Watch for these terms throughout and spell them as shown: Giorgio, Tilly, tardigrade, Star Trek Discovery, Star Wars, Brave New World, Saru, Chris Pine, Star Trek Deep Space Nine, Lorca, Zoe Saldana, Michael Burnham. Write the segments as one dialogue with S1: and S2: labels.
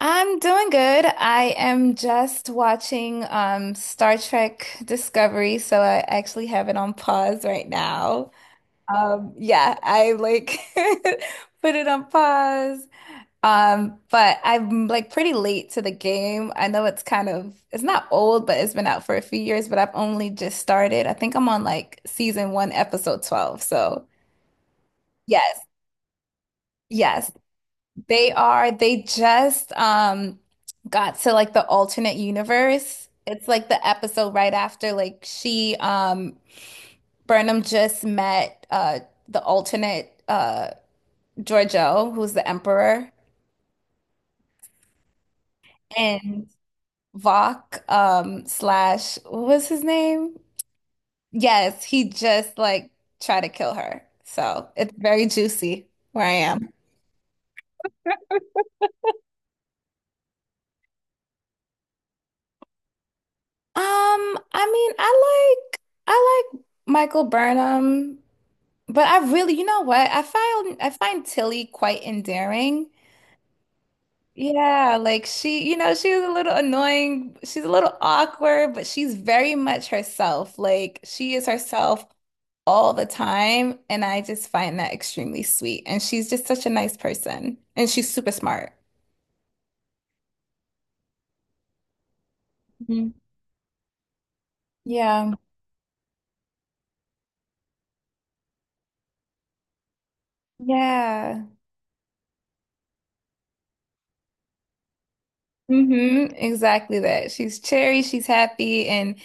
S1: I'm doing good. I am just watching Star Trek Discovery, so I actually have it on pause right now. Yeah, I like put it on pause. But I'm like pretty late to the game. I know it's kind of it's not old, but it's been out for a few years, but I've only just started. I think I'm on like season one, episode 12. So yes, yes. They just got to like the alternate universe. It's like the episode right after like she Burnham just met the alternate Giorgio, who's the emperor, and Vok slash what was his name? Yes, he just like tried to kill her. So it's very juicy where I am. I mean, I like Michael Burnham. But I really, you know what? I find Tilly quite endearing. Yeah, like she's a little annoying. She's a little awkward, but she's very much herself. Like she is herself all the time, and I just find that extremely sweet. And she's just such a nice person, and she's super smart. Mhm. Yeah. Yeah. Exactly that. She's cheery, she's happy, and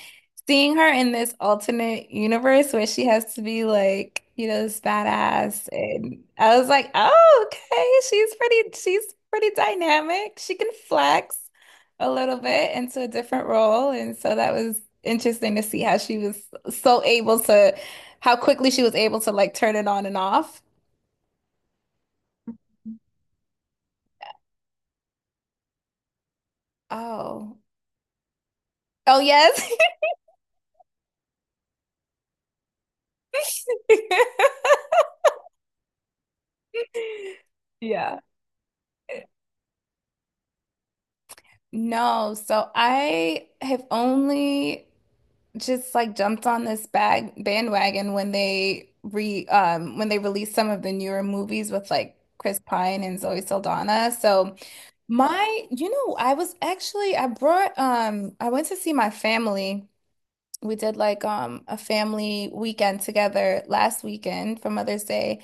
S1: seeing her in this alternate universe where she has to be like, this badass. And I was like, oh, okay, she's pretty dynamic. She can flex a little bit into a different role. And so that was interesting to see so able to, how quickly she was able to like turn it on and off. Oh, oh, yes. Yeah. No, so I have only just like jumped on this bag bandwagon when they released some of the newer movies with like Chris Pine and Zoe Saldana. So my, you know, I was actually I went to see my family. We did like a family weekend together last weekend for Mother's Day.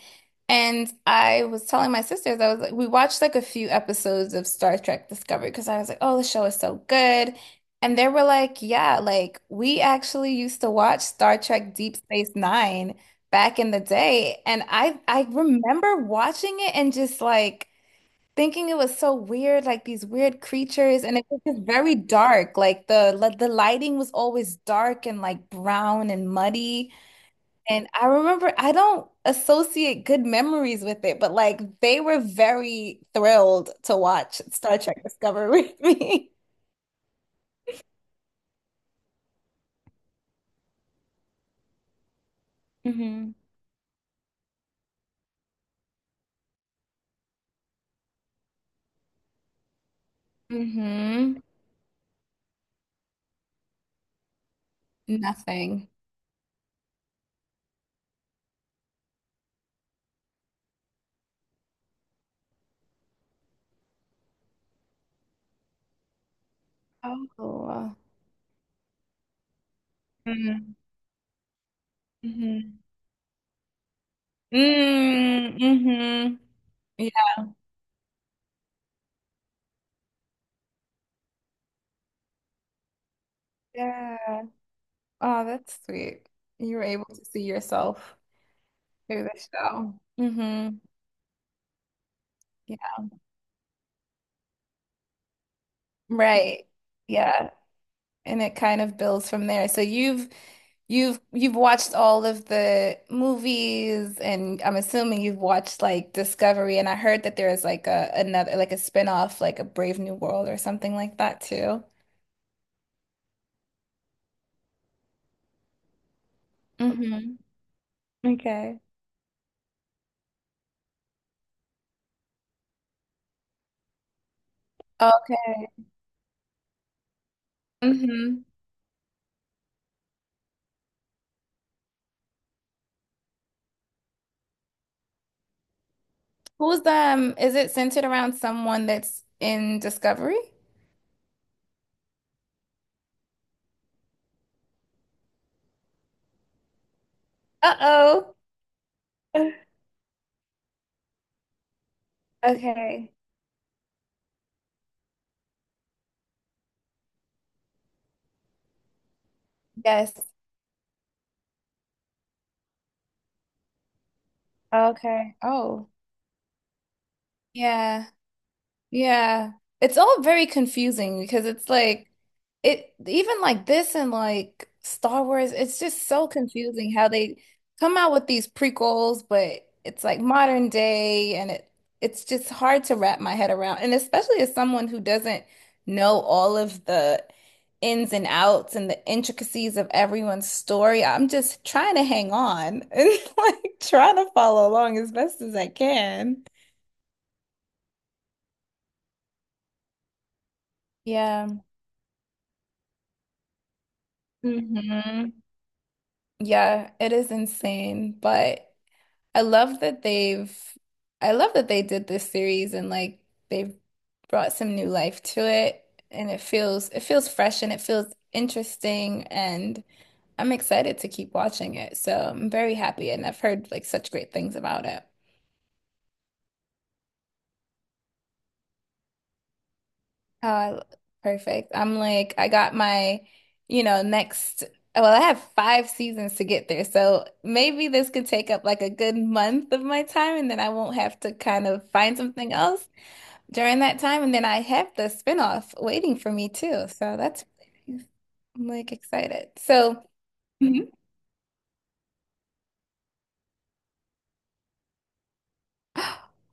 S1: And I was telling my sisters, I was like, we watched like a few episodes of Star Trek Discovery because I was like, oh, the show is so good. And they were like, yeah, like we actually used to watch Star Trek Deep Space Nine back in the day. And I remember watching it and just like thinking it was so weird, like these weird creatures, and it was just very dark. Like the lighting was always dark and like brown and muddy. And I remember I don't associate good memories with it, but like they were very thrilled to watch Star Trek Discovery with me. Hmm. Hmm. Nothing. Oh. Mm-hmm. Mm-hmm. Yeah. Yeah. Oh, that's sweet. You were able to see yourself through the show. Hmm. Yeah. Right. Yeah. And it kind of builds from there. So you've watched all of the movies and I'm assuming you've watched like Discovery and I heard that there is like a another like a spin-off like a Brave New World or something like that too. Hmm. Okay. Okay. Hmm. Who's Is it centered around someone that's in Discovery? Uh-oh. Okay. Yes. Okay. Oh. Yeah, yeah. It's all very confusing because it's like it even like this and like Star Wars, it's just so confusing how they come out with these prequels, but it's like modern day and it's just hard to wrap my head around. And especially as someone who doesn't know all of the ins and outs and the intricacies of everyone's story, I'm just trying to hang on and like trying to follow along as best as I can. Yeah. Hmm. Yeah, it is insane, but I love that they've I love that they did this series and like they've brought some new life to it and it feels fresh and it feels interesting and I'm excited to keep watching it. So I'm very happy and I've heard like such great things about it. Oh, perfect. I'm like, I got my, you know, next, well, I have five seasons to get there. So maybe this could take up like a good month of my time, and then I won't have to kind of find something else during that time. And then I have the spinoff waiting for me too. So that's, really nice. I'm like excited. So, Mhm.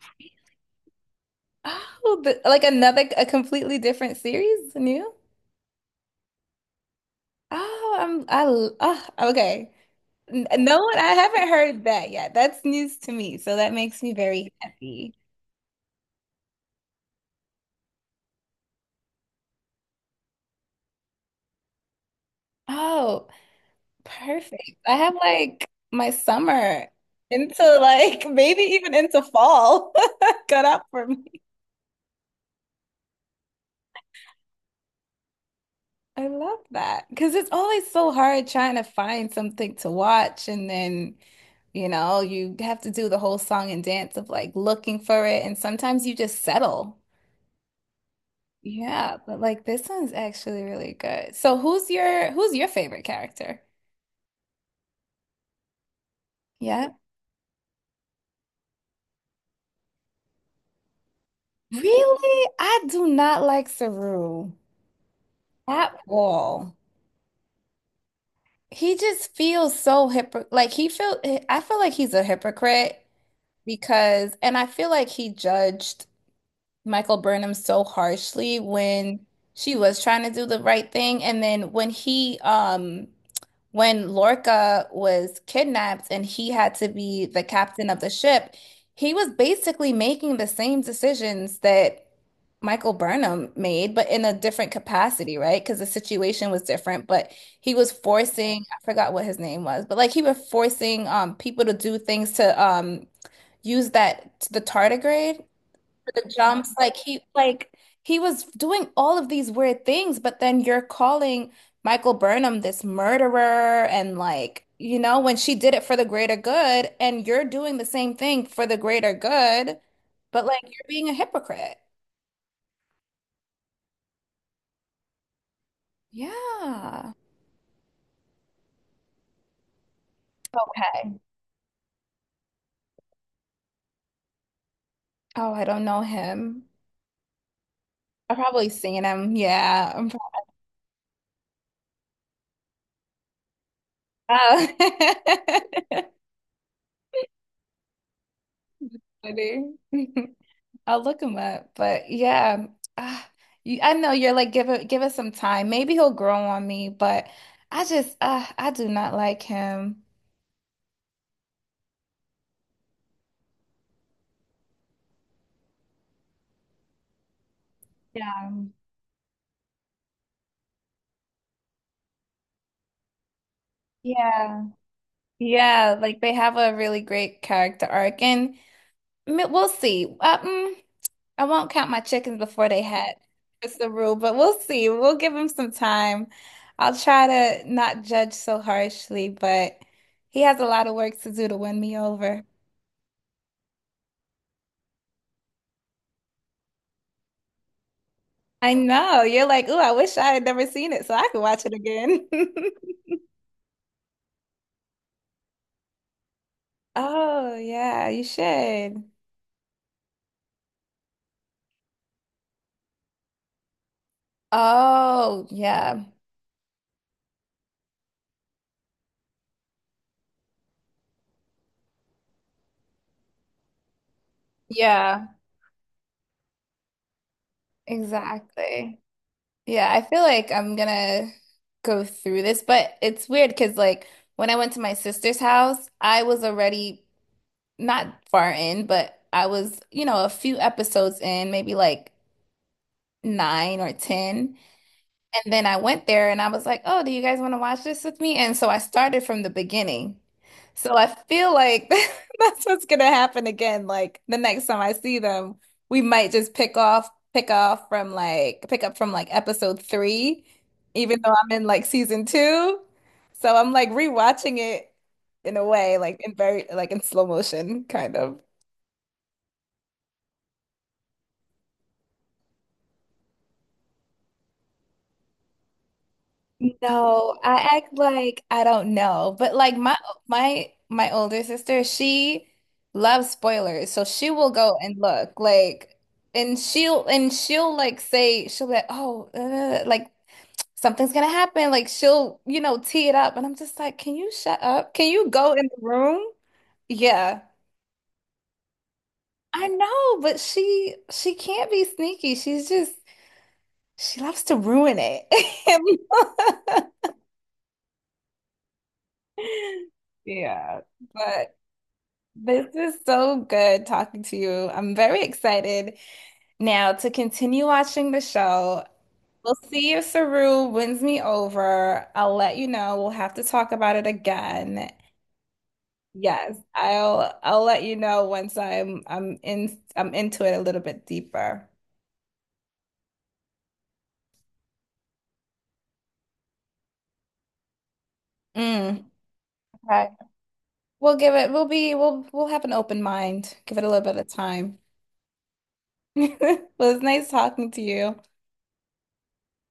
S1: Oh, a completely different series, new? Oh, I'm, I, l- ah, okay. No, I haven't heard that yet. That's news to me, so that makes me very happy. Oh, perfect. I have like my summer into like maybe even into fall cut out for me. I love that because it's always so hard trying to find something to watch and then you know, you have to do the whole song and dance of like looking for it, and sometimes you just settle. Yeah, but like this one's actually really good. So who's your favorite character? Yeah. Really? I do not like Saru at all. He just feels so hypocrite. Like he feel I feel like he's a hypocrite because and I feel like he judged Michael Burnham so harshly when she was trying to do the right thing. And then when Lorca was kidnapped and he had to be the captain of the ship, he was basically making the same decisions that Michael Burnham made, but in a different capacity, right? Because the situation was different, but he was forcing, I forgot what his name was, but like he was forcing people to do things to use that the tardigrade for the jumps. Like he was doing all of these weird things, but then you're calling Michael Burnham this murderer and like, you know, when she did it for the greater good and you're doing the same thing for the greater good, but like you're being a hypocrite. Yeah. Okay. Oh, I don't know him. I've probably seen him. Yeah. Oh. Funny. I'll look him up. But yeah, ah, I know you're like give it some time. Maybe he'll grow on me, but I do not like him. Yeah. Yeah. Yeah, like they have a really great character arc and we'll see. I won't count my chickens before they hatch. It's the rule, but we'll see. We'll give him some time. I'll try to not judge so harshly, but he has a lot of work to do to win me over. I know. You're like, ooh, I wish I had never seen it so I could watch it again. Oh, yeah, you should. Oh, yeah. Yeah, exactly. Yeah, I feel like I'm gonna go through this, but it's weird because, like, when I went to my sister's house, I was already not far in, but I was, a few episodes in, maybe like nine or 10. And then I went there and I was like, oh, do you guys want to watch this with me? And so I started from the beginning. So I feel like that's what's gonna happen again. Like the next time I see them, we might just pick off from like, pick up from like episode three, even though I'm in like season two. So I'm like rewatching it in a way, like in slow motion, kind of. No, I act like I don't know. But like my older sister, she loves spoilers. So she will go and look like and she'll like say she'll be like, "Oh, like something's gonna happen." Like she'll tee it up and I'm just like, "Can you shut up? Can you go in the room?" Yeah. I know, but she can't be sneaky. She loves to ruin it. Yeah. But this is so good talking to you. I'm very excited now to continue watching the show. We'll see if Saru wins me over. I'll let you know. We'll have to talk about it again. Yes, I'll let you know once I'm into it a little bit deeper. Mm, okay. We'll have an open mind. Give it a little bit of time. Well, it's nice talking to you.